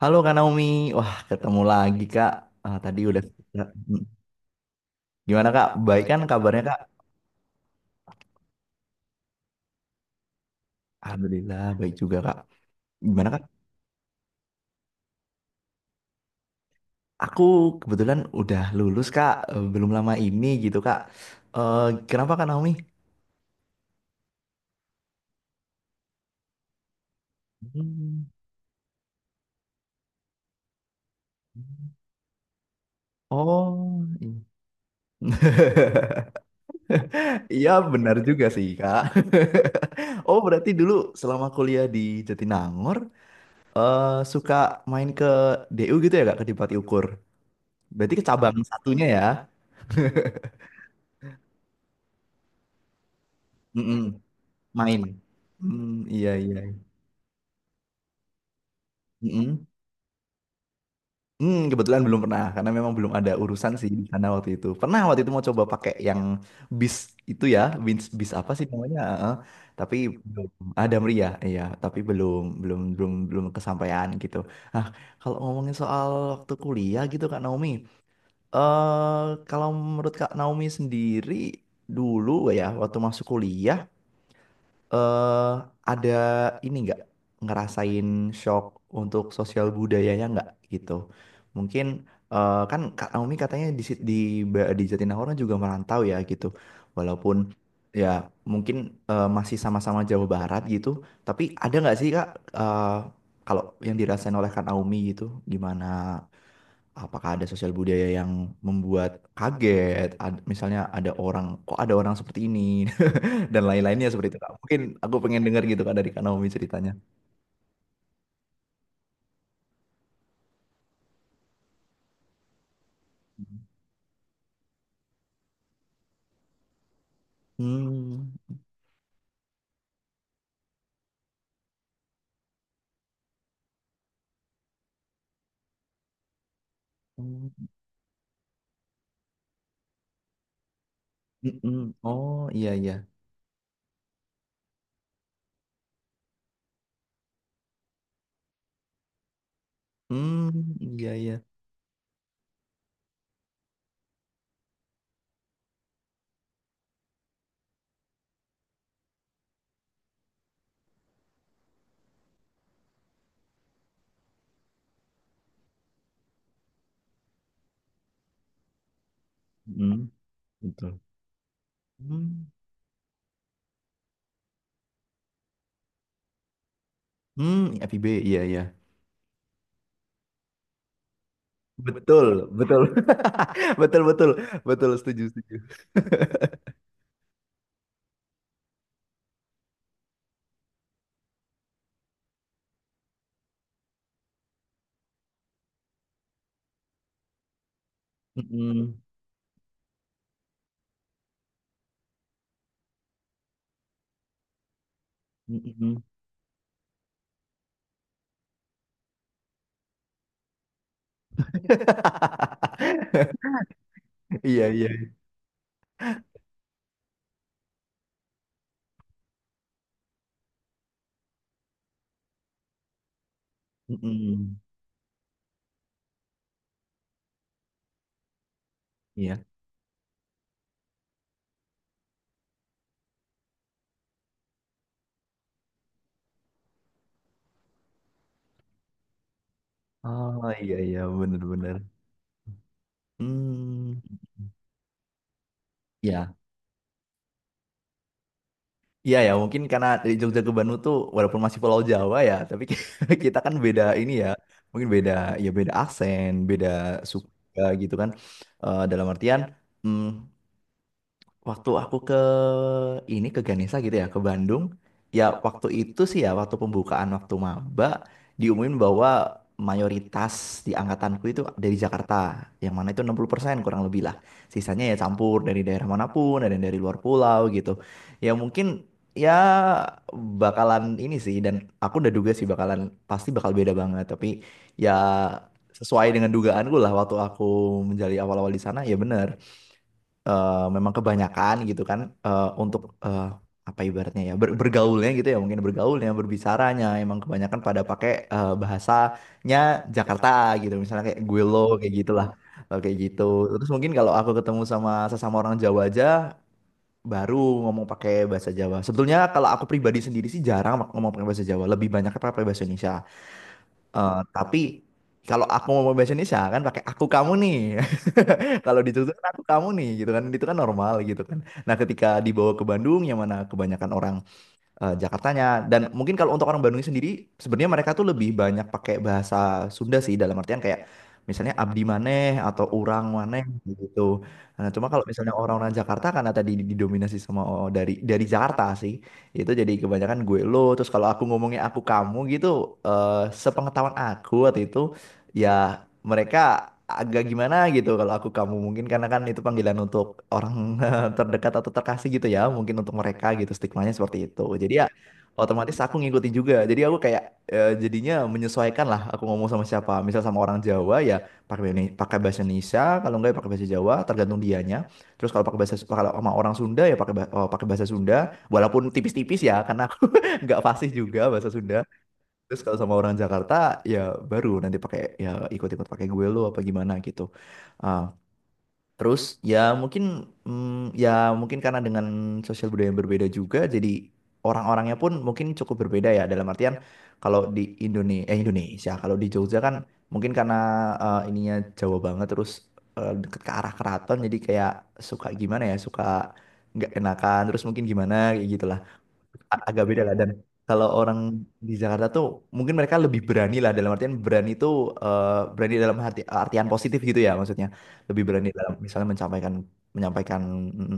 Halo Kak Naomi, wah ketemu lagi Kak. Ah, tadi udah gimana Kak? Baik kan kabarnya Kak? Alhamdulillah baik juga Kak. Gimana Kak? Aku kebetulan udah lulus Kak, belum lama ini gitu Kak. Eh, Kenapa Kak Naomi? Hmm. Oh, iya. Iya benar juga sih Kak. Oh berarti dulu selama kuliah di Jatinangor, eh, suka main ke DU gitu ya Kak, ke Dipati Ukur. Berarti ke cabang satunya ya? Mm-mm, main. Hmm, iya iya. Mm-mm. Hmm, kebetulan belum pernah karena memang belum ada urusan sih di sana waktu itu. Pernah waktu itu mau coba pakai yang bis itu ya, bis bis apa sih namanya? Heeh. Tapi belum ada meriah, iya. Tapi belum belum belum belum kesampaian gitu. Nah, kalau ngomongin soal waktu kuliah gitu Kak Naomi, eh kalau menurut Kak Naomi sendiri dulu ya waktu masuk kuliah eh ada ini nggak ngerasain shock untuk sosial budayanya nggak gitu? Mungkin kan Kak Naomi katanya di Jatinangor juga merantau ya gitu. Walaupun ya mungkin masih sama-sama Jawa Barat gitu, tapi ada nggak sih Kak, eh, kalau yang dirasain oleh Kak Naomi gitu gimana? Apakah ada sosial budaya yang membuat kaget? Misalnya ada orang, kok ada orang seperti ini? Dan lain-lainnya seperti itu Kak. Mungkin aku pengen dengar gitu Kak dari Kak Naomi ceritanya. Hmm. Hmm, mm-mm. Oh iya iya. Hmm iya iya. Hmm, betul. Hmm. Hmm, FIB iya iya. Betul, betul. Betul betul. Betul setuju setuju. Mm-mm, mm-mm. Iya iya. Mm-mm, Iya. Oh iya iya benar-benar. Hmm. Ya. Iya ya, mungkin karena dari Jogja ke Bandung tuh walaupun masih Pulau Jawa ya, tapi kita kan beda ini ya, mungkin beda ya beda aksen, beda suku juga gitu kan. Eh, dalam artian, mm, waktu aku ke ini ke Ganesha gitu ya ke Bandung, ya waktu itu sih ya waktu pembukaan waktu maba diumumin bahwa mayoritas di angkatanku itu dari Jakarta yang mana itu 60% kurang lebih lah, sisanya ya campur dari daerah manapun ada yang dari luar pulau gitu. Ya mungkin ya bakalan ini sih dan aku udah duga sih bakalan pasti bakal beda banget, tapi ya sesuai dengan dugaanku lah waktu aku menjadi awal-awal di sana ya bener. Memang kebanyakan gitu kan, eh, untuk eh, apa ibaratnya ya, bergaulnya gitu ya, mungkin bergaulnya berbicaranya emang kebanyakan pada pakai, bahasanya Jakarta gitu, misalnya kayak gue lo kayak gitulah. Kayak gitu, terus mungkin kalau aku ketemu sama sesama orang Jawa aja baru ngomong pakai bahasa Jawa. Sebetulnya kalau aku pribadi sendiri sih jarang ngomong pakai bahasa Jawa, lebih banyak pakai bahasa Indonesia. Eh, tapi kalau aku mau bahasa Indonesia kan pakai aku kamu nih. Kalau di Jogja kan aku kamu nih gitu kan. Itu kan normal gitu kan. Nah, ketika dibawa ke Bandung yang mana kebanyakan orang, Jakartanya, dan mungkin kalau untuk orang Bandung sendiri sebenarnya mereka tuh lebih banyak pakai bahasa Sunda sih, dalam artian kayak misalnya abdi maneh atau urang maneh gitu. Nah, cuma kalau misalnya orang-orang Jakarta karena tadi didominasi sama oh, dari Jakarta sih, itu jadi kebanyakan gue lo, terus kalau aku ngomongnya aku kamu gitu. eh, Sepengetahuan aku waktu itu ya, mereka agak gimana gitu kalau aku kamu, mungkin karena kan itu panggilan untuk orang terdekat atau terkasih gitu, ya mungkin untuk mereka gitu stigmanya seperti itu. Jadi ya otomatis aku ngikutin juga, jadi aku kayak, jadinya menyesuaikan lah aku ngomong sama siapa. Misal sama orang Jawa ya pakai pakai bahasa Indonesia, kalau enggak ya pakai bahasa Jawa tergantung dianya. Terus kalau pakai bahasa kalau sama orang Sunda ya pakai pakai bahasa Sunda, walaupun tipis-tipis ya karena aku nggak fasih juga bahasa Sunda. Terus kalau sama orang Jakarta ya baru nanti pakai ya ikut-ikut pakai gue lo apa gimana gitu. Ah, terus ya mungkin, mm, ya mungkin karena dengan sosial budaya yang berbeda juga, jadi orang-orangnya pun mungkin cukup berbeda ya, dalam artian kalau di Indonesia, Indonesia kalau di Jogja kan mungkin karena, ininya Jawa banget terus, deket ke arah keraton, jadi kayak suka gimana ya, suka nggak enakan, terus mungkin gimana kayak gitu. Agak beda lah, dan kalau orang di Jakarta tuh mungkin mereka lebih berani lah, dalam artian berani itu, eh, berani dalam hati, artian positif gitu ya, maksudnya lebih berani dalam misalnya menyampaikan menyampaikan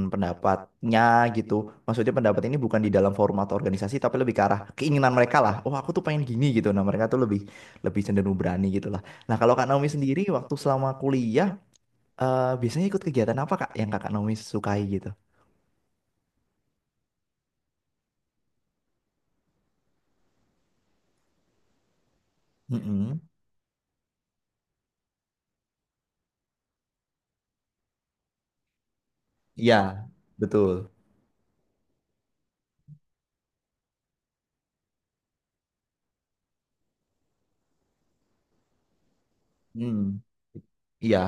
mm, pendapatnya gitu. Maksudnya pendapat ini bukan di dalam format organisasi, tapi lebih ke arah keinginan mereka lah, oh aku tuh pengen gini gitu. Nah mereka tuh lebih lebih cenderung berani gitu lah. Nah kalau Kak Naomi sendiri waktu selama kuliah, biasanya ikut kegiatan apa Kak yang Kak Naomi sukai gitu? Mm-mm. Iya, betul. Hmm. Iya,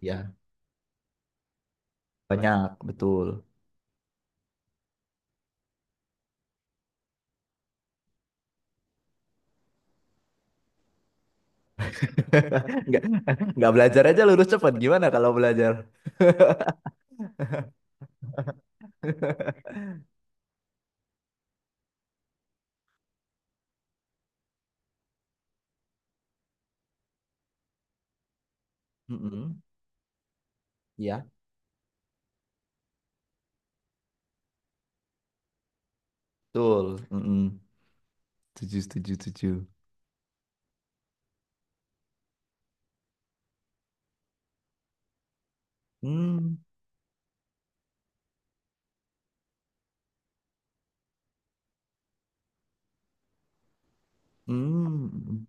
iya, banyak betul. Nggak belajar aja lulus cepat gimana kalau belajar? Mm-mm. Iya, betul. Mm-mm. Setuju, setuju, setuju. Hmm, hmm,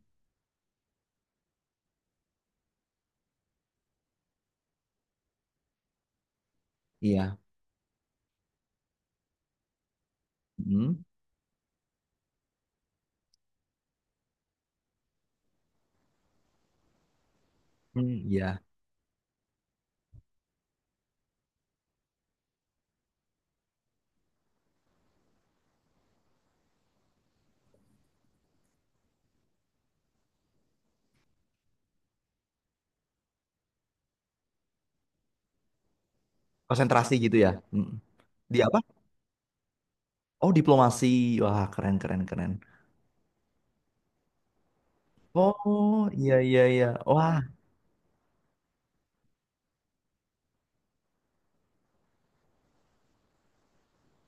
iya, hmm, hmm, iya. Konsentrasi gitu ya. Mm. Di apa? Oh, diplomasi. Wah, keren, keren, keren. Oh, iya, iya, iya. Wah,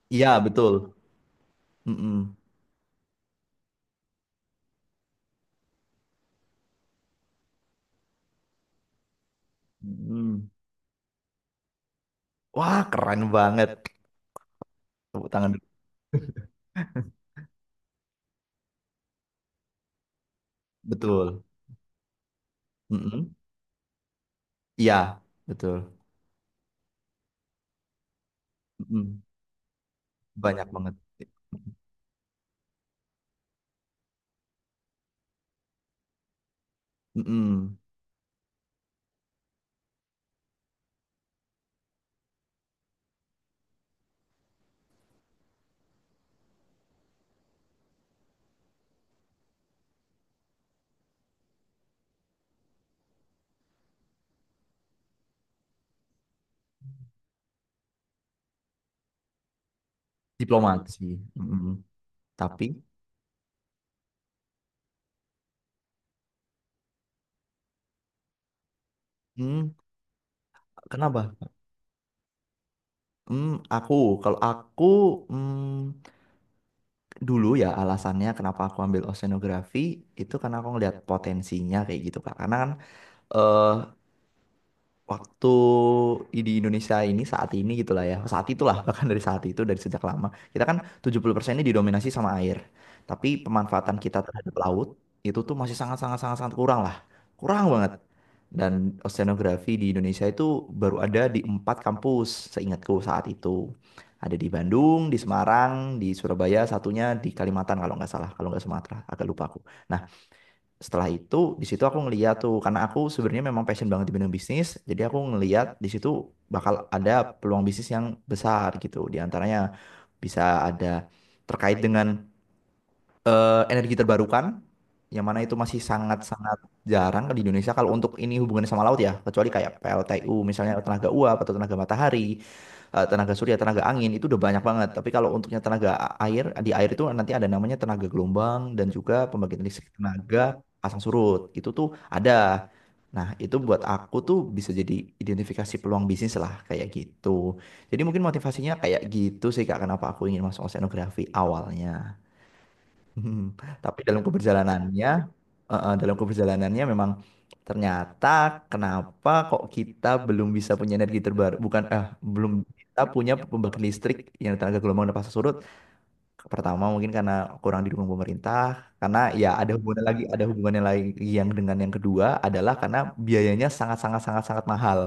iya, betul. Hmm, hmm, wah, keren banget. Tepuk tangan. Betul. Hmm, iya, betul. Banyak banget. Mm-mm. Diplomasi. Mm-mm. Tapi, mm, kenapa? Mm, aku, kalau aku, mm, dulu ya alasannya kenapa aku ambil oceanografi itu karena aku ngeliat potensinya kayak gitu Kak. Karena kan, eh, waktu di Indonesia ini saat ini gitulah ya, saat itulah bahkan dari saat itu dari sejak lama, kita kan 70% ini didominasi sama air, tapi pemanfaatan kita terhadap laut itu tuh masih sangat sangat sangat sangat kurang lah, kurang banget. Dan oceanografi di Indonesia itu baru ada di 4 kampus seingatku saat itu, ada di Bandung, di Semarang, di Surabaya, satunya di Kalimantan kalau nggak salah, kalau nggak Sumatera, agak lupa aku. Nah setelah itu di situ aku ngeliat tuh, karena aku sebenarnya memang passion banget di bidang bisnis, jadi aku ngeliat di situ bakal ada peluang bisnis yang besar gitu. Di antaranya bisa ada terkait dengan, energi terbarukan, yang mana itu masih sangat-sangat jarang di Indonesia kalau untuk ini hubungannya sama laut ya, kecuali kayak PLTU misalnya tenaga uap, atau tenaga matahari, tenaga surya, tenaga angin, itu udah banyak banget. Tapi kalau untuknya tenaga air, di air itu nanti ada namanya tenaga gelombang dan juga pembangkit listrik tenaga pasang surut. Itu tuh ada. Nah, itu buat aku tuh bisa jadi identifikasi peluang bisnis lah kayak gitu. Jadi mungkin motivasinya kayak gitu sih Kak, kenapa aku ingin masuk oceanografi awalnya. Mhm. Tapi dalam keberjalanannya, dalam keberjalanannya memang ternyata, kenapa kok kita belum bisa punya energi terbaru, bukan eh belum, kita punya pembangkit listrik yang tenaga gelombang dan pasang surut. Pertama mungkin karena kurang didukung pemerintah, karena ya ada hubungannya lagi yang dengan yang kedua adalah karena biayanya sangat sangat sangat sangat mahal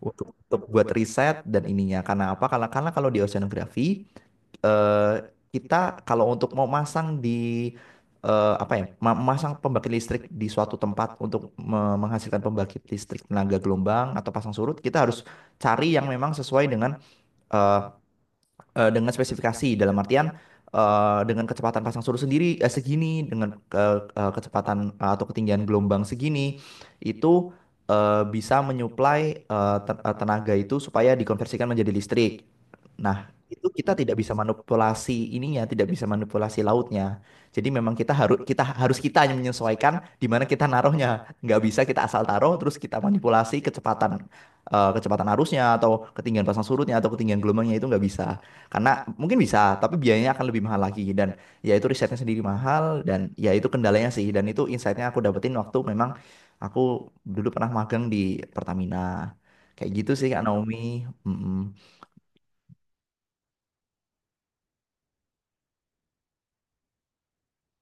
untuk buat riset dan ininya. Karena apa? Karena kalau di oceanografi, eh, kita kalau untuk mau masang di, apa ya, masang pembangkit listrik di suatu tempat untuk menghasilkan pembangkit listrik tenaga gelombang atau pasang surut, kita harus cari yang memang sesuai dengan, eh, dengan spesifikasi, dalam artian dengan kecepatan pasang surut sendiri segini, dengan kecepatan atau ketinggian gelombang segini, itu bisa menyuplai tenaga itu supaya dikonversikan menjadi listrik. Nah, itu kita tidak bisa manipulasi ininya, tidak bisa manipulasi lautnya. Jadi memang kita harus, kita yang menyesuaikan di mana kita naruhnya. Nggak bisa kita asal taruh terus kita manipulasi kecepatan, kecepatan arusnya atau ketinggian pasang surutnya atau ketinggian gelombangnya, itu nggak bisa. Karena mungkin bisa, tapi biayanya akan lebih mahal lagi. Dan ya itu risetnya sendiri mahal, dan ya itu kendalanya sih. Dan itu insightnya aku dapetin waktu memang aku dulu pernah magang di Pertamina. Kayak gitu sih Kak Naomi. Mm-mm.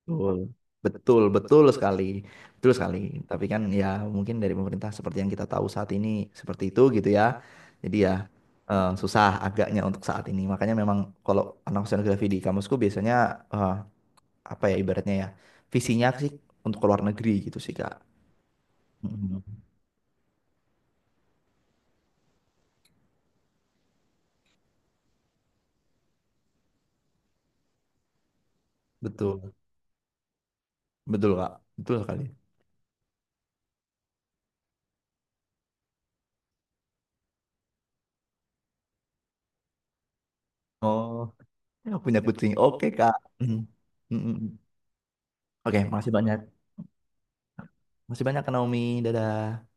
Betul. Betul, betul sekali. Betul sekali. Tapi kan ya mungkin dari pemerintah seperti yang kita tahu saat ini seperti itu gitu ya. Jadi ya, susah agaknya untuk saat ini. Makanya memang kalau anak oceanografi di kamusku biasanya, eh, apa ya ibaratnya ya, visinya sih untuk ke luar negeri gitu sih kak. Mhm. Betul, betul kak, betul kali. Oh ya, punya kucing oke kak. Mhm. Mhm. Oke makasih banyak. Makasih banyak Kak Naomi, dadah.